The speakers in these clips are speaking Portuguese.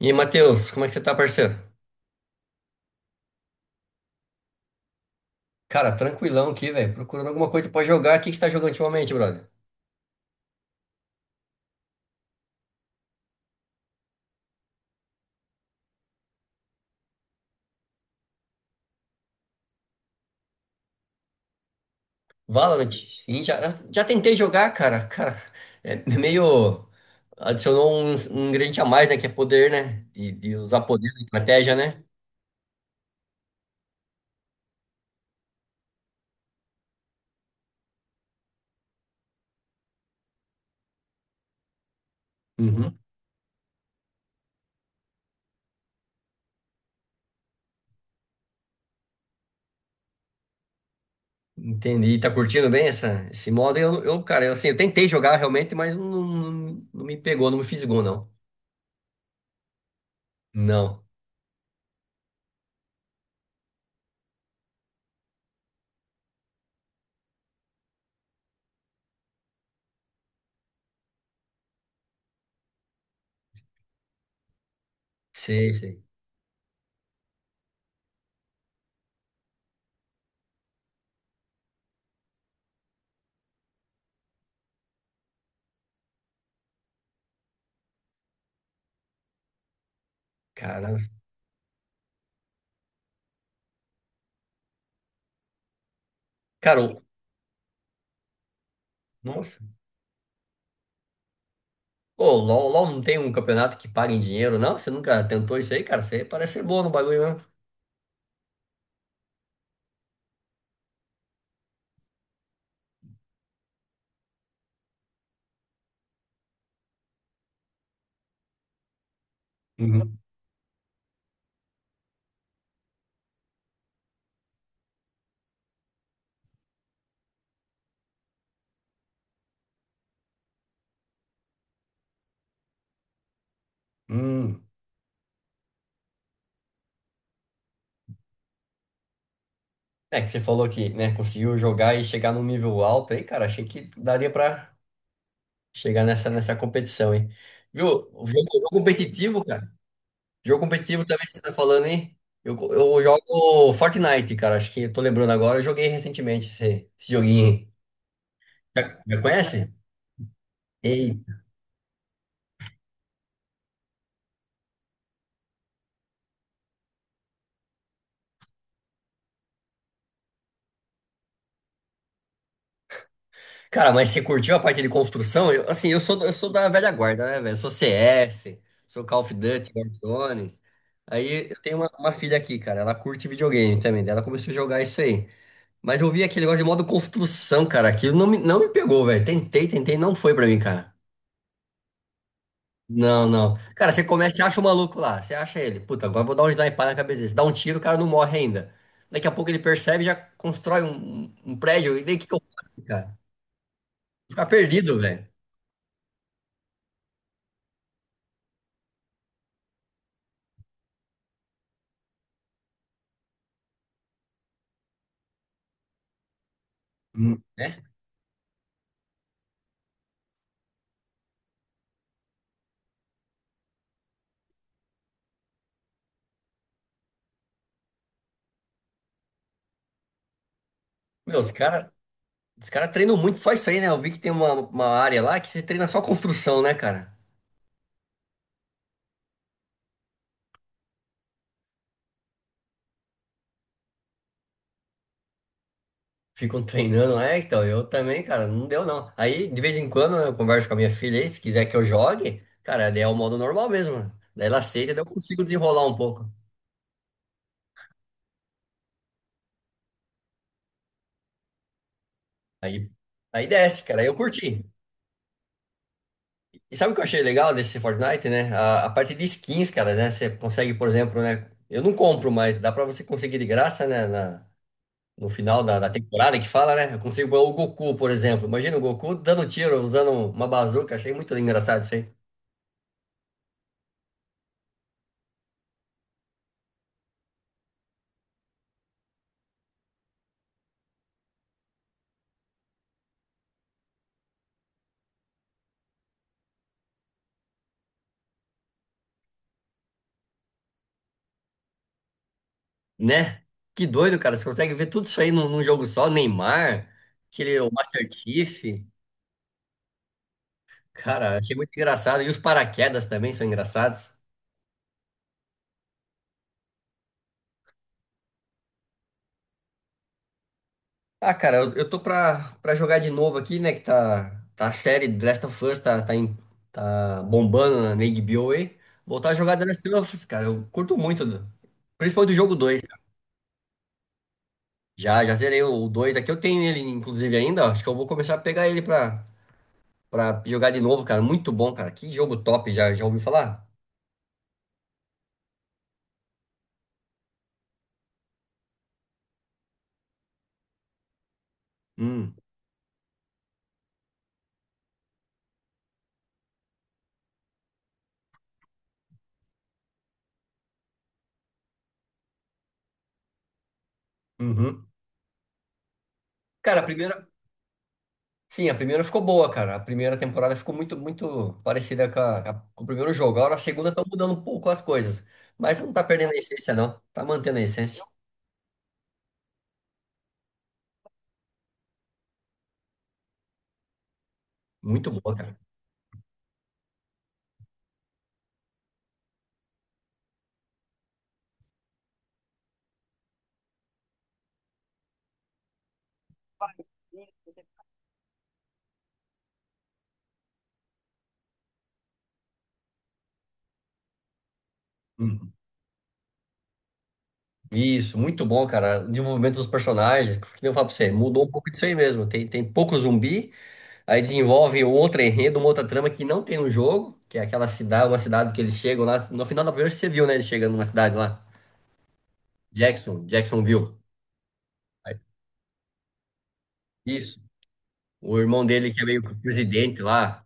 E aí, Matheus, como é que você tá, parceiro? Cara, tranquilão aqui, velho. Procurando alguma coisa pra jogar. O que que você tá jogando ultimamente, brother? Valorant? Sim, já, já tentei jogar, cara. Cara, é meio. Adicionou um ingrediente a mais, né? Que é poder, né? E usar poder na estratégia, né? Uhum. Entendi. Tá curtindo bem essa, esse modo? Cara, eu, assim, eu tentei jogar realmente, mas não, não, não me pegou, não me fisgou, não. Não. Sei, sei. Caramba. Cara, nossa. Pô, o LOL, LOL não tem um campeonato que paga em dinheiro, não? Você nunca tentou isso aí, cara? Você parece ser bom no bagulho mesmo. Uhum. Hum. É que você falou que, né, conseguiu jogar e chegar num nível alto aí, cara. Achei que daria pra chegar nessa, nessa competição, hein? Viu? O jogo, jogo competitivo, cara. Jogo competitivo também você tá falando, hein? Eu jogo Fortnite, cara. Acho que eu tô lembrando agora. Eu joguei recentemente esse, esse joguinho aí. Já, já conhece? Cara, mas você curtiu a parte de construção? Assim, eu sou da velha guarda, né, velho? Eu sou CS, sou Call of Duty, Warzone. Aí eu tenho uma filha aqui, cara. Ela curte videogame também. Daí ela começou a jogar isso aí. Mas eu vi aquele negócio de modo construção, cara. Aquilo não me pegou, velho. Tentei, tentei, não foi pra mim, cara. Não, não. Cara, você começa, você acha o maluco lá. Você acha ele. Puta, agora eu vou dar um sniper na cabeça dele. Você dá um tiro, o cara não morre ainda. Daqui a pouco ele percebe, e já constrói um prédio. E daí o que que eu faço, cara? Ficar perdido, velho. Meu, os cara treinam muito só isso aí, né? Eu vi que tem uma área lá que você treina só construção, né, cara? Ficam treinando, é, então, eu também, cara, não deu não. Aí, de vez em quando, eu converso com a minha filha aí, se quiser que eu jogue, cara, daí é o modo normal mesmo, né? Daí ela aceita, daí eu consigo desenrolar um pouco. Aí, aí desce, cara, aí eu curti. E sabe o que eu achei legal desse Fortnite, né? A parte de skins, cara, né? Você consegue, por exemplo, né? Eu não compro, mas dá pra você conseguir de graça, né? No final da temporada que fala, né? Eu consigo pôr o Goku, por exemplo. Imagina o Goku dando tiro, usando uma bazuca. Achei muito engraçado isso aí. Né? Que doido, cara. Você consegue ver tudo isso aí num jogo só. Neymar, aquele, o Master Chief. Cara, achei muito engraçado. E os paraquedas também são engraçados. Ah, cara, eu tô pra, pra jogar de novo aqui, né? Que tá, tá a série The Last of Us, tá bombando na na HBO aí. Voltar a jogar The Last of Us, cara. Eu curto muito, principalmente do jogo dois. Já, já zerei o 2 aqui. Eu tenho ele, inclusive, ainda, ó. Acho que eu vou começar a pegar ele pra, pra jogar de novo, cara. Muito bom, cara. Que jogo top. Já, já ouviu falar? Hum. Uhum. Cara, a primeira. Sim, a primeira ficou boa, cara. A primeira temporada ficou muito, muito parecida com, com o primeiro jogo. Agora a segunda tá mudando um pouco as coisas. Mas não tá perdendo a essência, não. Tá mantendo a essência. Muito boa, cara. Uhum. Isso, muito bom, cara. O desenvolvimento dos personagens. O que nem eu falo pra você? Mudou um pouco disso aí mesmo. Tem, tem pouco zumbi. Aí desenvolve um outro enredo, uma outra trama que não tem no jogo, que é aquela cidade, uma cidade que eles chegam lá. No final da primeira você viu, né? Ele chega numa cidade lá, Jackson, Jacksonville. Aí- Isso. O irmão dele que é meio que o presidente lá.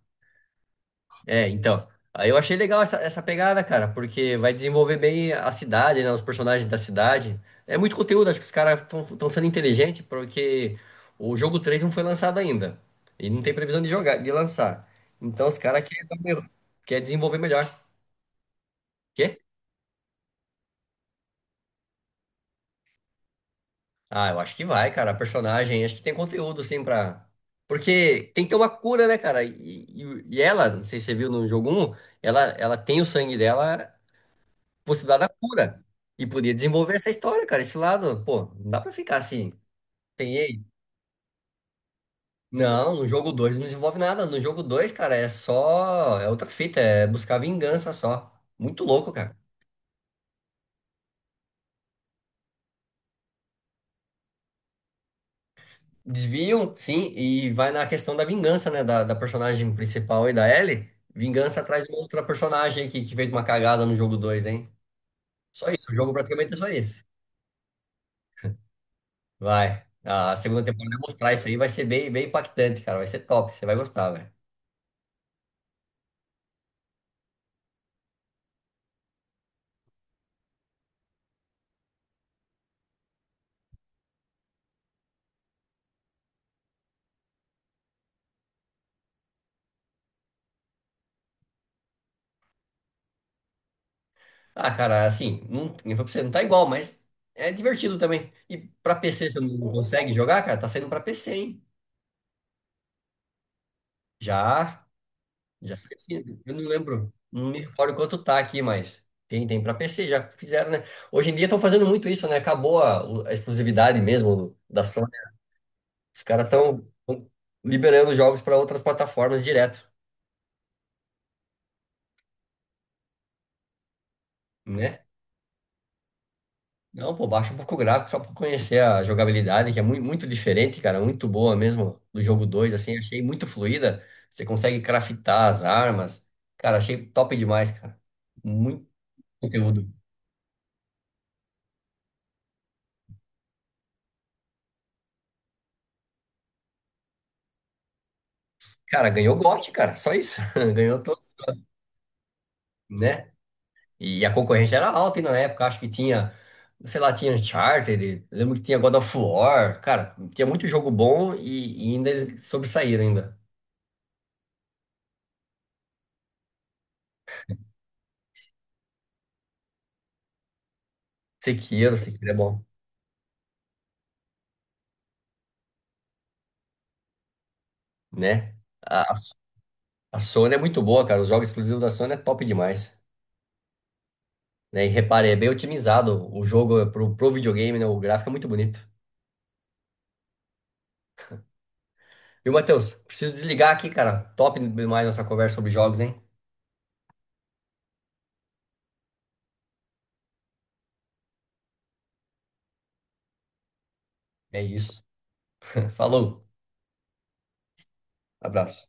É, então. Aí eu achei legal essa, essa pegada, cara, porque vai desenvolver bem a cidade, né? Os personagens da cidade. É muito conteúdo, acho que os caras estão sendo inteligentes, porque o jogo 3 não foi lançado ainda. E não tem previsão de jogar, de lançar. Então os caras querem, querem desenvolver melhor. Quê? Ah, eu acho que vai, cara. A personagem, acho que tem conteúdo, sim, pra. Porque tem que ter uma cura, né, cara? E, e ela, não sei se você viu no jogo um, ela tem o sangue dela, possibilidade da cura. E podia desenvolver essa história, cara. Esse lado, pô, não dá pra ficar assim. Peguei. Não, no jogo 2 não desenvolve nada. No jogo 2, cara, é só. É outra fita, é buscar vingança só. Muito louco, cara. Desviam, sim, e vai na questão da vingança, né? Da personagem principal aí, da Ellie. Vingança atrás de uma outra personagem que fez uma cagada no jogo dois, hein? Só isso, o jogo praticamente é só isso. Vai. A segunda temporada vai mostrar isso aí, vai ser bem, bem impactante, cara. Vai ser top, você vai gostar, velho. Ah, cara, assim, não, eu falei pra você, não tá igual, mas é divertido também. E pra PC você não consegue jogar, cara? Tá saindo pra PC, hein? Já. Já foi assim, eu não lembro, não me recordo quanto tá aqui, mas tem, tem para PC, já fizeram, né? Hoje em dia estão fazendo muito isso, né? Acabou a, a exclusividade mesmo da Sony. Os caras estão liberando jogos para outras plataformas direto, né? Não, pô, baixa um pouco o gráfico só para conhecer a jogabilidade, que é muito, muito diferente, cara, muito boa mesmo do jogo dois, assim, achei muito fluida. Você consegue craftar as armas. Cara, achei top demais, cara. Muito conteúdo. Cara, ganhou GOT, cara, só isso. Ganhou, né? E a concorrência era alta ainda na época, acho que tinha, sei lá, tinha Uncharted, lembro que tinha God of War, cara, tinha muito jogo bom e ainda eles sobressaíram ainda. Sekiro, Sekiro é bom, né? A Sony é muito boa, cara, os jogos exclusivos da Sony é top demais, né? E repare, é bem otimizado o jogo pro, pro videogame, né? O gráfico é muito bonito. Viu, Matheus? Preciso desligar aqui, cara. Top demais nossa conversa sobre jogos, hein? É isso. Falou, abraço.